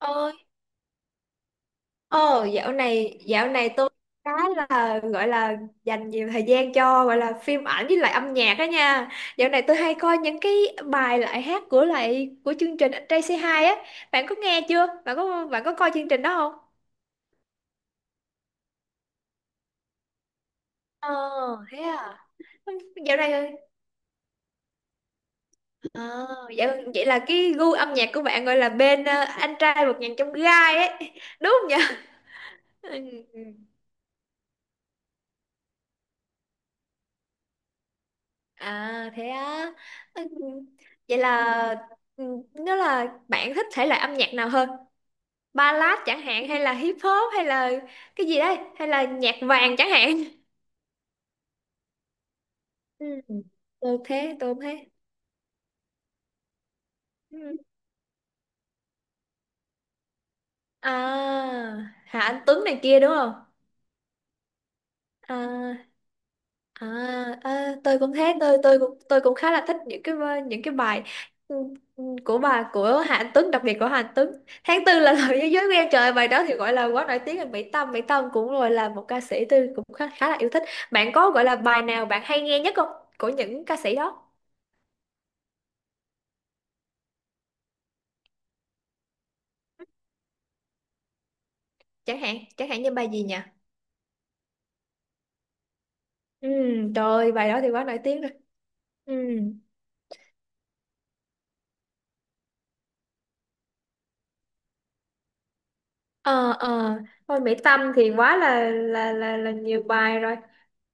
Ơi. Ờ dạo này tôi cái là gọi là dành nhiều thời gian cho gọi là phim ảnh với lại âm nhạc đó nha. Dạo này tôi hay coi những cái bài hát của chương trình Anh Trai Say Hi á. Bạn có nghe chưa? Bạn có coi chương trình đó không? ờ Thế à? Dạo này ờ Vậy là cái gu âm nhạc của bạn gọi là bên anh trai một ngàn trong gai ấy đúng không nhỉ? Ừ. À, thế á. Ừ, vậy là ừ, nó là bạn thích thể loại âm nhạc nào hơn? Ballad chẳng hạn, hay là hip hop, hay là cái gì đấy, hay là nhạc vàng chẳng hạn. Ừ. Tôi thế, tôi thế. Ừ. À, Hà Anh Tuấn này kia đúng không? À À, tôi cũng thế, tôi cũng khá là thích những cái bài ừ, của Hạnh Tuấn, đặc biệt của Hạnh Tuấn. Tháng tư là lời thế giới của em, trời ơi, bài đó thì gọi là quá nổi tiếng rồi. Mỹ Tâm, cũng gọi là một ca sĩ tôi cũng khá là yêu thích. Bạn có gọi là bài nào bạn hay nghe nhất không, của những ca sĩ đó? Chẳng hạn như bài gì nhỉ? Ừ, trời ơi, bài đó thì quá nổi tiếng rồi. ừ ờ ờ Thôi Mỹ Tâm thì quá là nhiều bài rồi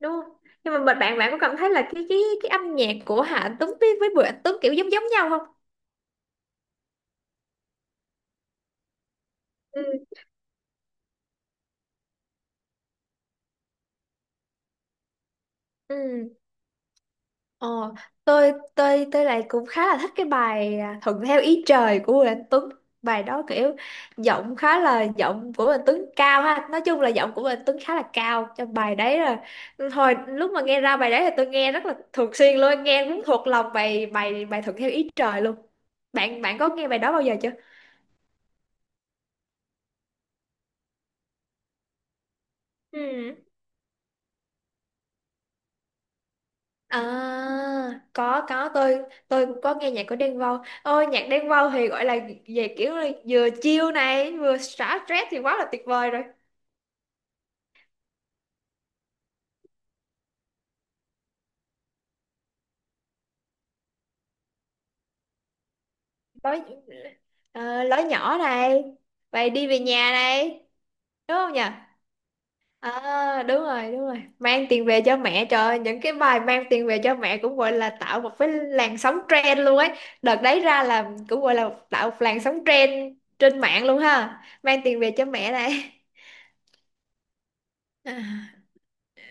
đúng không? Nhưng mà bạn bạn bạn có cảm thấy là cái âm nhạc của Hạ Tuấn với Bùi Anh Tuấn kiểu giống giống nhau không? Ừ. ừ Ờ, tôi lại cũng khá là thích cái bài thuận theo ý trời của Bùi Anh Tuấn. Bài đó kiểu giọng khá là, giọng của Bùi Anh Tuấn cao ha, nói chung là giọng của Bùi Anh Tuấn khá là cao trong bài đấy rồi. Hồi lúc mà nghe ra bài đấy thì tôi nghe rất là thường xuyên luôn, nghe muốn thuộc lòng bài bài bài thuận theo ý trời luôn. Bạn bạn có nghe bài đó bao giờ chưa? Ừ. À, có, tôi cũng có nghe nhạc của Đen Vâu. Ôi, nhạc Đen Vâu thì gọi là về kiểu là vừa chill này, vừa xả stress thì quá là tuyệt vời rồi. Lối Lối nhỏ này, vậy đi về nhà này, đúng không nhỉ? À, đúng rồi, đúng rồi. Mang tiền về cho mẹ, trời ơi, những cái bài mang tiền về cho mẹ cũng gọi là tạo một cái làn sóng trend luôn ấy. Đợt đấy ra là cũng gọi là tạo một làn sóng trend trên mạng luôn ha. Mang tiền về cho mẹ này.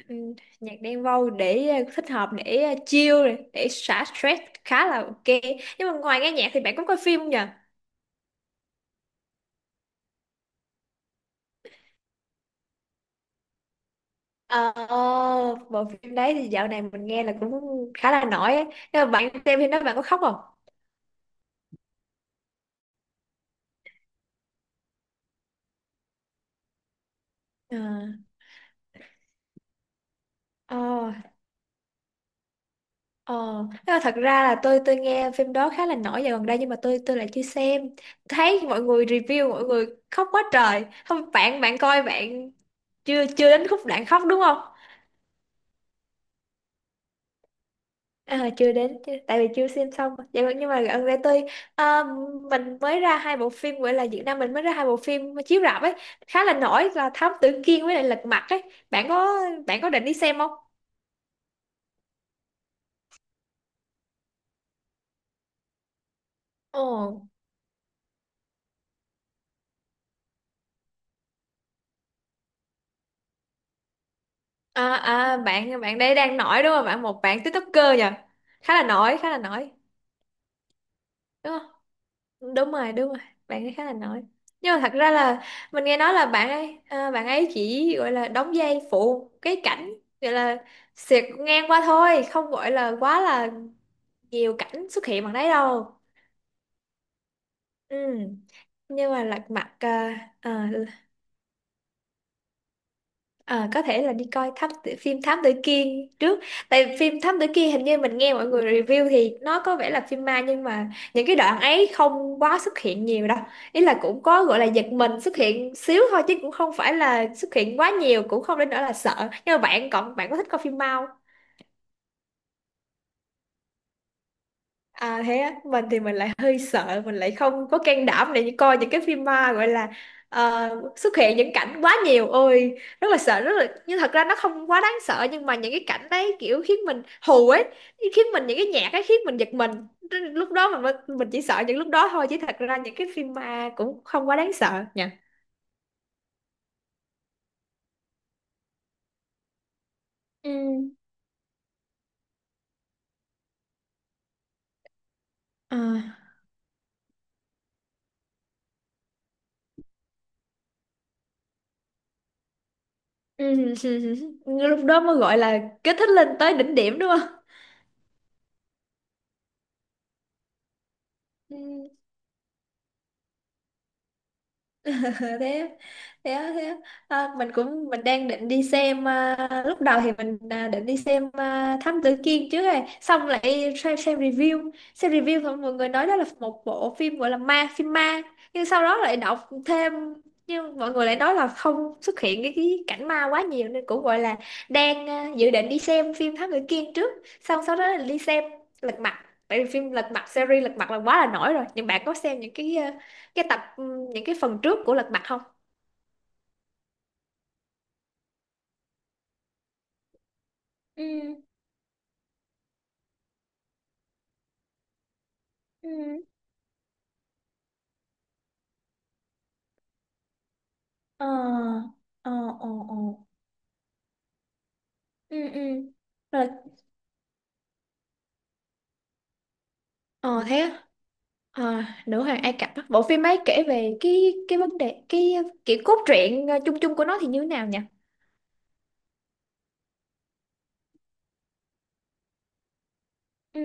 Ừ, nhạc Đen Vâu để thích hợp để chill này, để xả stress khá là ok. Nhưng mà ngoài nghe nhạc thì bạn có coi phim không nhờ? ờ Bộ phim đấy thì dạo này mình nghe là cũng khá là nổi á. Nhưng mà bạn xem phim đó bạn có khóc không? ờ ờ ờ nhưng mà thật ra là tôi nghe phim đó khá là nổi dạo gần đây, nhưng mà tôi lại chưa xem. Thấy mọi người review mọi người khóc quá trời không, bạn bạn coi bạn chưa chưa đến khúc đoạn khóc đúng không? À, chưa đến chứ tại vì chưa xem xong mà. Nhưng mà gần đây à, mình mới ra hai bộ phim, gọi là Việt Nam mình mới ra hai bộ phim chiếu rạp ấy, khá là nổi là Thám Tử Kiên với lại Lật Mặt ấy, bạn có bạn có định đi xem không? Ồ, bạn bạn đây đang nổi đúng không, bạn một bạn TikToker nhỉ? Khá là nổi, đúng không? Đúng rồi, đúng rồi, bạn ấy khá là nổi. Nhưng mà thật ra là mình nghe nói là bạn ấy chỉ gọi là đóng vai phụ, cái cảnh gọi là xẹt ngang qua thôi, không gọi là quá là nhiều cảnh xuất hiện bằng đấy đâu. Ừ, nhưng mà lật mặt à, có thể là đi coi phim Thám Tử Kiên trước. Tại phim Thám Tử Kiên hình như mình nghe mọi người review thì nó có vẻ là phim ma, nhưng mà những cái đoạn ấy không quá xuất hiện nhiều đâu. Ý là cũng có gọi là giật mình xuất hiện xíu thôi, chứ cũng không phải là xuất hiện quá nhiều, cũng không đến nỗi là sợ. Nhưng mà bạn có thích coi phim ma? À, thế á, mình thì mình lại hơi sợ, mình lại không có can đảm để coi những cái phim ma gọi là ờ, xuất hiện những cảnh quá nhiều, ôi, rất là sợ, rất là nhưng thật ra nó không quá đáng sợ, nhưng mà những cái cảnh đấy kiểu khiến mình hù ấy, khiến mình, những cái nhạc ấy khiến mình giật mình. Nên lúc đó mình chỉ sợ những lúc đó thôi, chứ thật ra những cái phim ma cũng không quá đáng sợ nha. Ừ. Ờ. Ừ. Lúc đó mới gọi là kích thích lên tới đỉnh điểm đúng không? thế thế Thế à, mình đang định đi xem, lúc đầu thì định đi xem Thám Tử Kiên trước, rồi xong lại xem, xem review thì mọi người nói đó là một bộ phim gọi là ma, phim ma, nhưng sau đó lại đọc thêm, nhưng mọi người lại nói là không xuất hiện cái cảnh ma quá nhiều nên cũng gọi là đang dự định đi xem phim Thám Tử Kiên trước, xong sau đó là đi xem Lật Mặt. Tại vì phim Lật Mặt, series Lật Mặt là quá là nổi rồi, nhưng bạn có xem những cái tập những cái phần trước của Lật Mặt không? Ừ, ừ, ờ, ờ, ờ, ờ, ừ, ừ, rồi, ờ thế á. Ờ, nữ hoàng Ai Cập á. Bộ phim ấy kể về cái vấn đề, cái kiểu cốt truyện chung chung của nó thì như thế nào nhỉ? Ừ,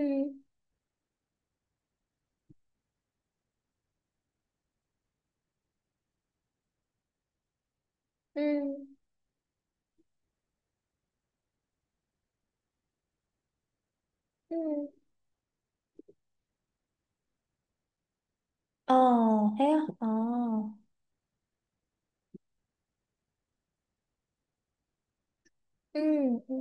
ừ, ừ, ờ, thế á, ờ, ừ, ừ.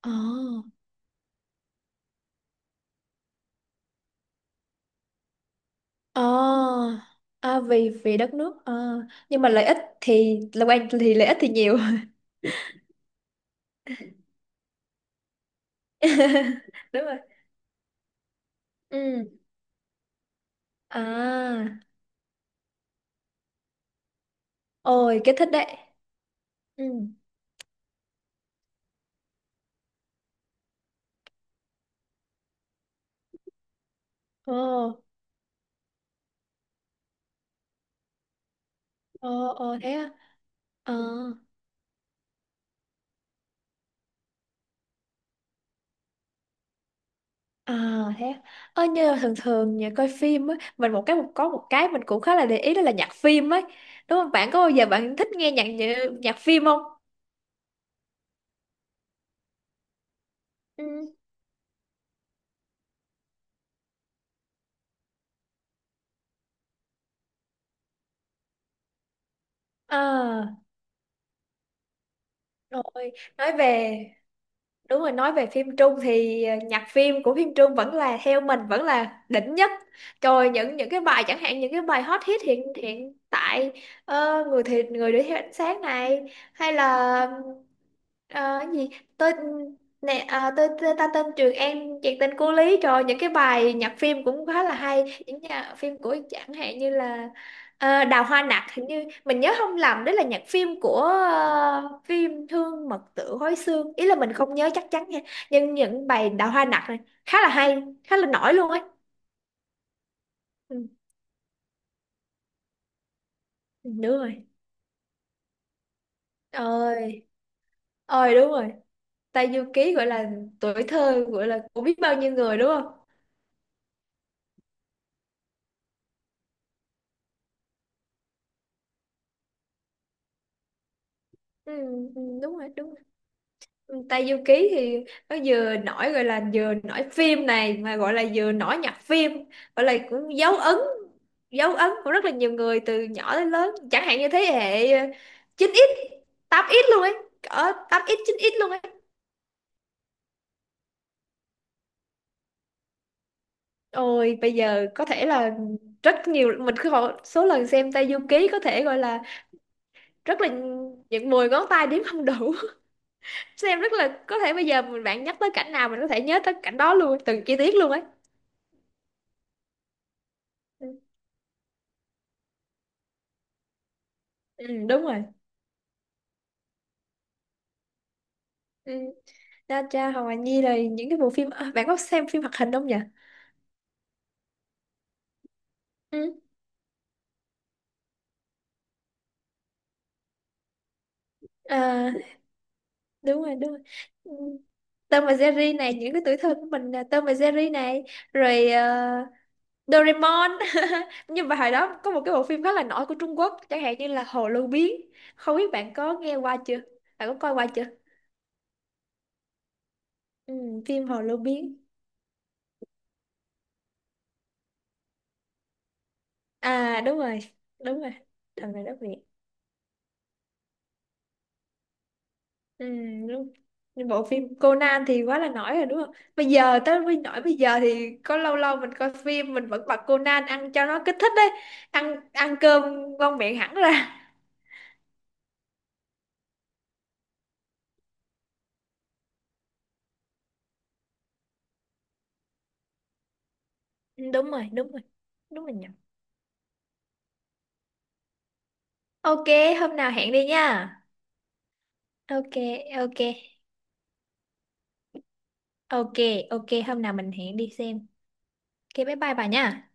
Ờ, ờ, à, vì vì đất nước ờ, nhưng mà lợi ích thì là quan thì lợi ích thì nhiều. Đúng rồi, ừ, à. Ôi, cái thích đấy. Ừ. Ồ, ồ, ồ, thế à? Ờ, à, thế à. Ờ, như là thường thường nhà coi phim á, mình một cái một có một cái mình cũng khá là để ý đó là nhạc phim ấy. Đúng không? Bạn có bao giờ bạn thích nghe nhạc nhạc phim không? Ừ. À, rồi, nói về đúng rồi, nói về phim Trung thì nhạc phim của phim Trung vẫn là, theo mình, vẫn là đỉnh nhất. Rồi những cái bài, chẳng hạn những cái bài hot hit hiện hiện tại, người thì người đuổi theo ánh sáng này, hay là ờ, cái gì, tôi nè, tôi ta tên Trường An, chuyện tình cô Lý, rồi những cái bài nhạc phim cũng khá là hay, những nhạc phim của, chẳng hạn như là Ờ, Đào Hoa Nặc, hình như mình nhớ không lầm đó là nhạc phim của phim Thương Mật Tử Hối Xương, ý là mình không nhớ chắc chắn nha, nhưng những bài Đào Hoa Nặc này khá là hay, khá là nổi luôn ấy. Ừ, đúng rồi, ơi, ơi, đúng rồi. Tây Du Ký gọi là tuổi thơ gọi là của biết bao nhiêu người đúng không? Ừ, ừ, đúng rồi, đúng rồi. Tây Du Ký thì nó vừa nổi, gọi là vừa nổi phim này mà, gọi là vừa nổi nhạc phim, gọi là cũng dấu ấn, dấu ấn của rất là nhiều người từ nhỏ đến lớn, chẳng hạn như thế hệ 9x, 8x luôn ấy, ở 8x 9x luôn ấy. Ôi bây giờ có thể là rất nhiều, mình cứ hỏi số lần xem Tây Du Ký có thể gọi là rất là, những 10 ngón tay đếm không đủ. Xem rất là, có thể bây giờ bạn nhắc tới cảnh nào mình có thể nhớ tới cảnh đó luôn, từng chi tiết luôn ấy. Ừ, đúng rồi. Ừ. Ra cha Hồng Hà Nhi là những cái bộ phim, bạn có xem phim hoạt hình không nhỉ? Ừ. À, đúng rồi, đúng rồi. Ừ. Tom và Jerry này, những cái tuổi thơ của mình là Tom và Jerry này, rồi Doraemon. Nhưng mà hồi đó có một cái bộ phim khá là nổi của Trung Quốc, chẳng hạn như là Hồ Lô Biến, không biết bạn có nghe qua chưa, bạn có coi qua chưa? Ừ, phim Hồ Lô Biến. À, đúng rồi, đúng rồi, thằng này đất Việt. Ừ, đúng. Nhưng bộ phim Conan thì quá là nổi rồi đúng không? Bây giờ tới với nổi bây giờ thì có lâu lâu mình coi phim mình vẫn bật Conan ăn cho nó kích thích đấy. Ăn ăn cơm ngon miệng hẳn ra. Ừ, đúng rồi, đúng rồi. Đúng rồi nhỉ. Ok, hôm nào hẹn đi nha. Ok, ok. Ok, ok, hôm nào mình hẹn đi xem. Ok, bye bye bà nha.